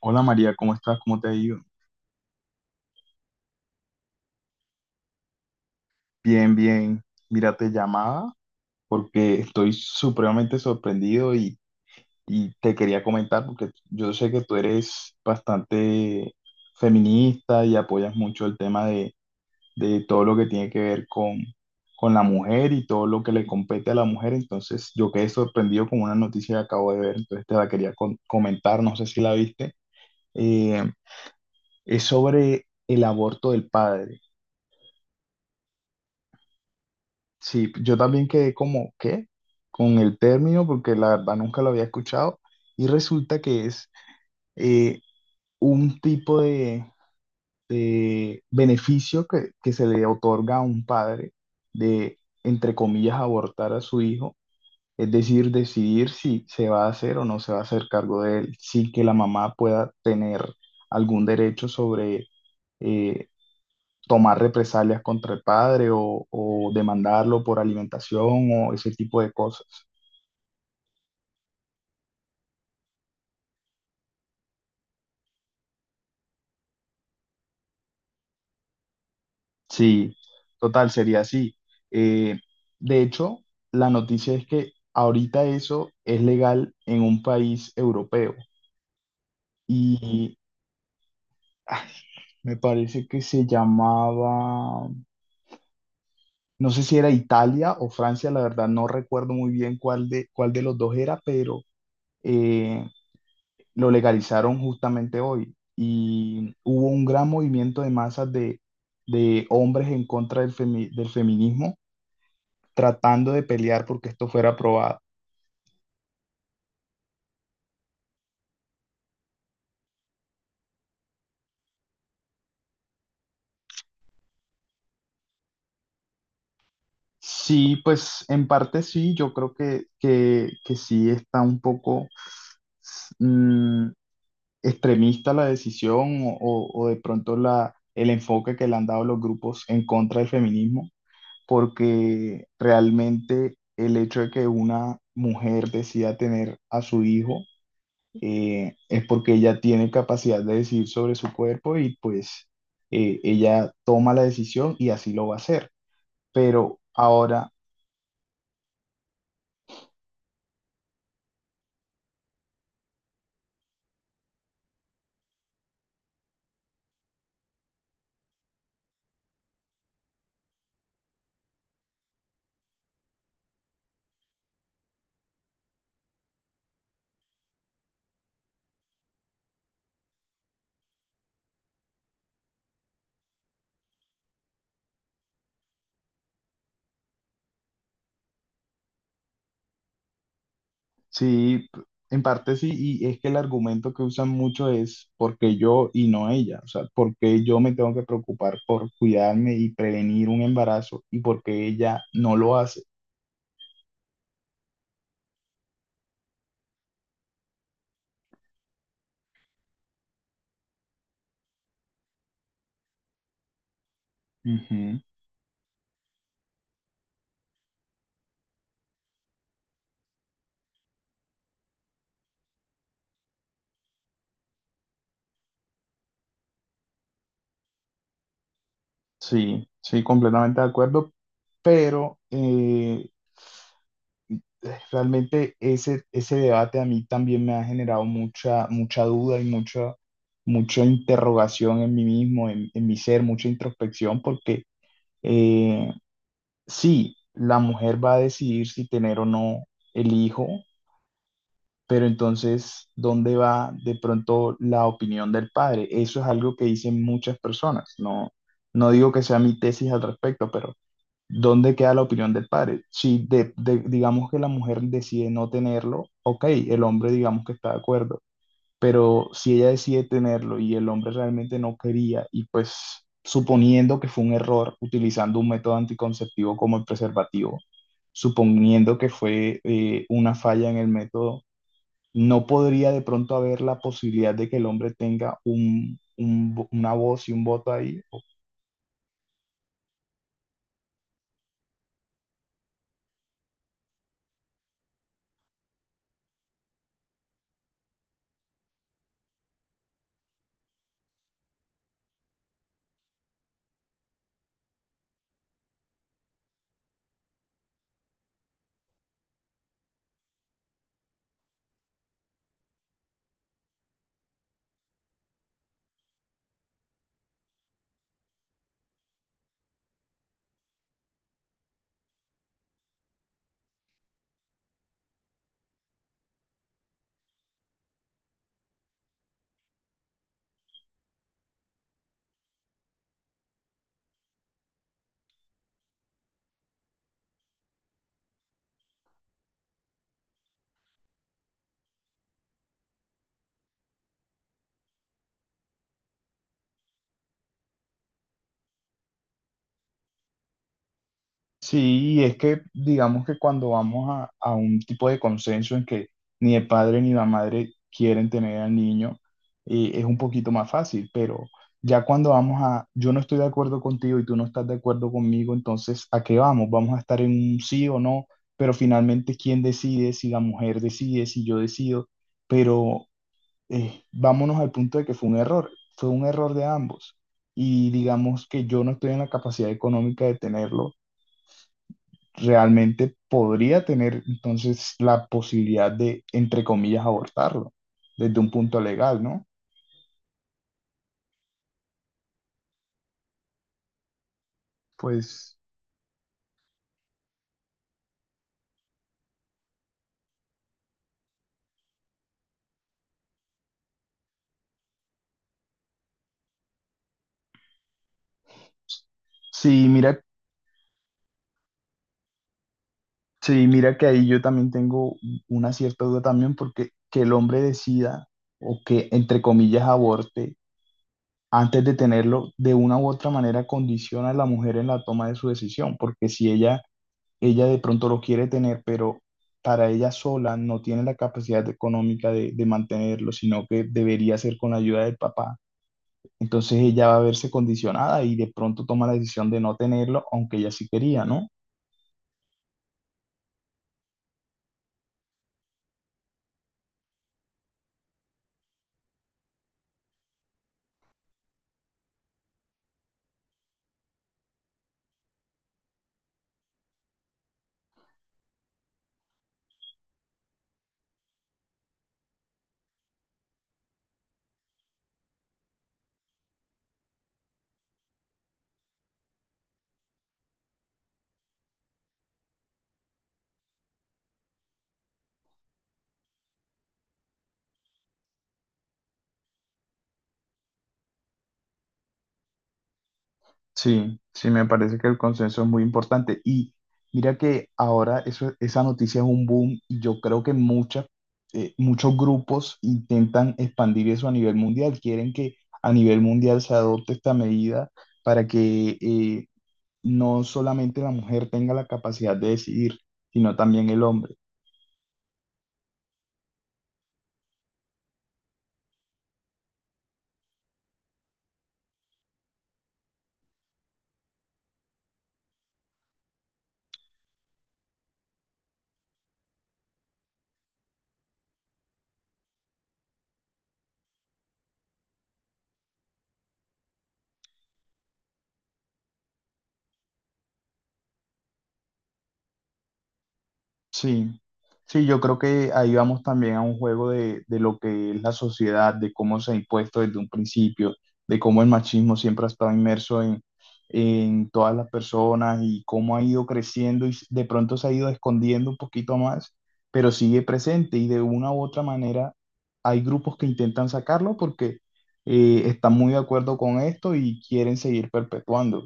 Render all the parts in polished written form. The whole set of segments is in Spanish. Hola María, ¿cómo estás? ¿Cómo te ha ido? Bien, bien. Mira, te llamaba porque estoy supremamente sorprendido y te quería comentar porque yo sé que tú eres bastante feminista y apoyas mucho el tema de todo lo que tiene que ver con la mujer y todo lo que le compete a la mujer. Entonces, yo quedé sorprendido con una noticia que acabo de ver, entonces te la quería comentar, no sé si la viste. Eh, es sobre el aborto del padre. Sí, yo también quedé como, ¿qué? Con el término, porque la verdad nunca lo había escuchado. Y resulta que es eh, un tipo de beneficio que se le otorga a un padre de, entre comillas, abortar a su hijo. Es decir, decidir si se va a hacer o no se va a hacer cargo de él, sin que la mamá pueda tener algún derecho sobre eh, tomar represalias contra el padre o demandarlo por alimentación o ese tipo de cosas. Sí, total, sería así. Eh, de hecho, la noticia es que ahorita eso es legal en un país europeo y ay, me parece que se llamaba, no sé si era Italia o Francia, la verdad no recuerdo muy bien cuál de los dos era, pero eh, lo legalizaron justamente hoy y hubo un gran movimiento de masas de hombres en contra del, del feminismo tratando de pelear porque esto fuera aprobado. Sí, pues en parte sí, yo creo que sí está un poco mm, extremista la decisión o de pronto el enfoque que le han dado los grupos en contra del feminismo, porque realmente el hecho de que una mujer decida tener a su hijo es porque ella tiene capacidad de decidir sobre su cuerpo y pues ella toma la decisión y así lo va a hacer. Pero ahora, sí, en parte sí, y es que el argumento que usan mucho es porque yo y no ella, o sea, porque yo me tengo que preocupar por cuidarme y prevenir un embarazo y porque ella no lo hace. Ujú. Sí, sí, completamente de acuerdo, pero realmente ese debate a mí también me ha generado mucha, mucha duda y mucha, mucha interrogación en mí mismo, en mi ser, mucha introspección, porque eh, sí, la mujer va a decidir si tener o no el hijo, pero entonces, ¿dónde va de pronto la opinión del padre? Eso es algo que dicen muchas personas, no, no digo que sea mi tesis al respecto, pero... ¿Dónde queda la opinión del padre? Si digamos que la mujer decide no tenerlo, ok, el hombre digamos que está de acuerdo, pero si ella decide tenerlo y el hombre realmente no quería y pues suponiendo que fue un error utilizando un método anticonceptivo como el preservativo, suponiendo que fue una falla en el método, no podría de pronto haber la posibilidad de que el hombre tenga un una voz y un voto ahí. Sí, y es que digamos que cuando vamos a un tipo de consenso en que ni el padre ni la madre quieren tener al niño, es un poquito más fácil, pero ya cuando vamos a, yo no estoy de acuerdo contigo y tú no estás de acuerdo conmigo, entonces, ¿a qué vamos? ¿Vamos a estar en un sí o no? Pero finalmente, ¿quién decide? Si la mujer decide, si yo decido, pero vámonos al punto de que fue un error de ambos. Y digamos que yo no estoy en la capacidad económica de tenerlo realmente podría tener entonces la posibilidad de, entre comillas, abortarlo desde un punto legal, ¿no? Pues sí, mira, sí, mira que ahí yo también tengo una cierta duda también porque que el hombre decida o que, entre comillas, aborte antes de tenerlo, de una u otra manera condiciona a la mujer en la toma de su decisión, porque si ella Ella de pronto lo quiere tener, pero para ella sola no tiene la capacidad económica de mantenerlo, sino que debería ser con la ayuda del papá. Entonces ella va a verse condicionada y de pronto toma la decisión de no tenerlo, aunque ella sí quería, ¿no? Sí, sí, me parece que el consenso es muy importante. Y mira que ahora eso, esa noticia es un boom y yo creo que muchas, muchos grupos intentan expandir eso a nivel mundial, quieren que a nivel mundial se adopte esta medida para que no solamente la mujer tenga la capacidad de decidir, sino también el hombre. Sí, sí, yo creo que ahí vamos también a un juego de lo que es la sociedad, de cómo se ha impuesto desde un principio, de cómo el machismo siempre ha estado inmerso en todas las personas y cómo ha ido creciendo y de pronto se ha ido escondiendo un poquito más, pero sigue presente y de una u otra manera hay grupos que intentan sacarlo porque están muy de acuerdo con esto y quieren seguir perpetuando.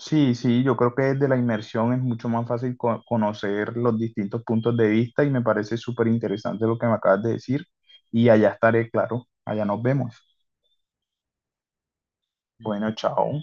Sí, sí, yo creo que desde la inmersión es mucho más fácil conocer los distintos puntos de vista y me parece súper interesante lo que me acabas de decir y allá estaré, claro, allá nos vemos. Bueno, chao.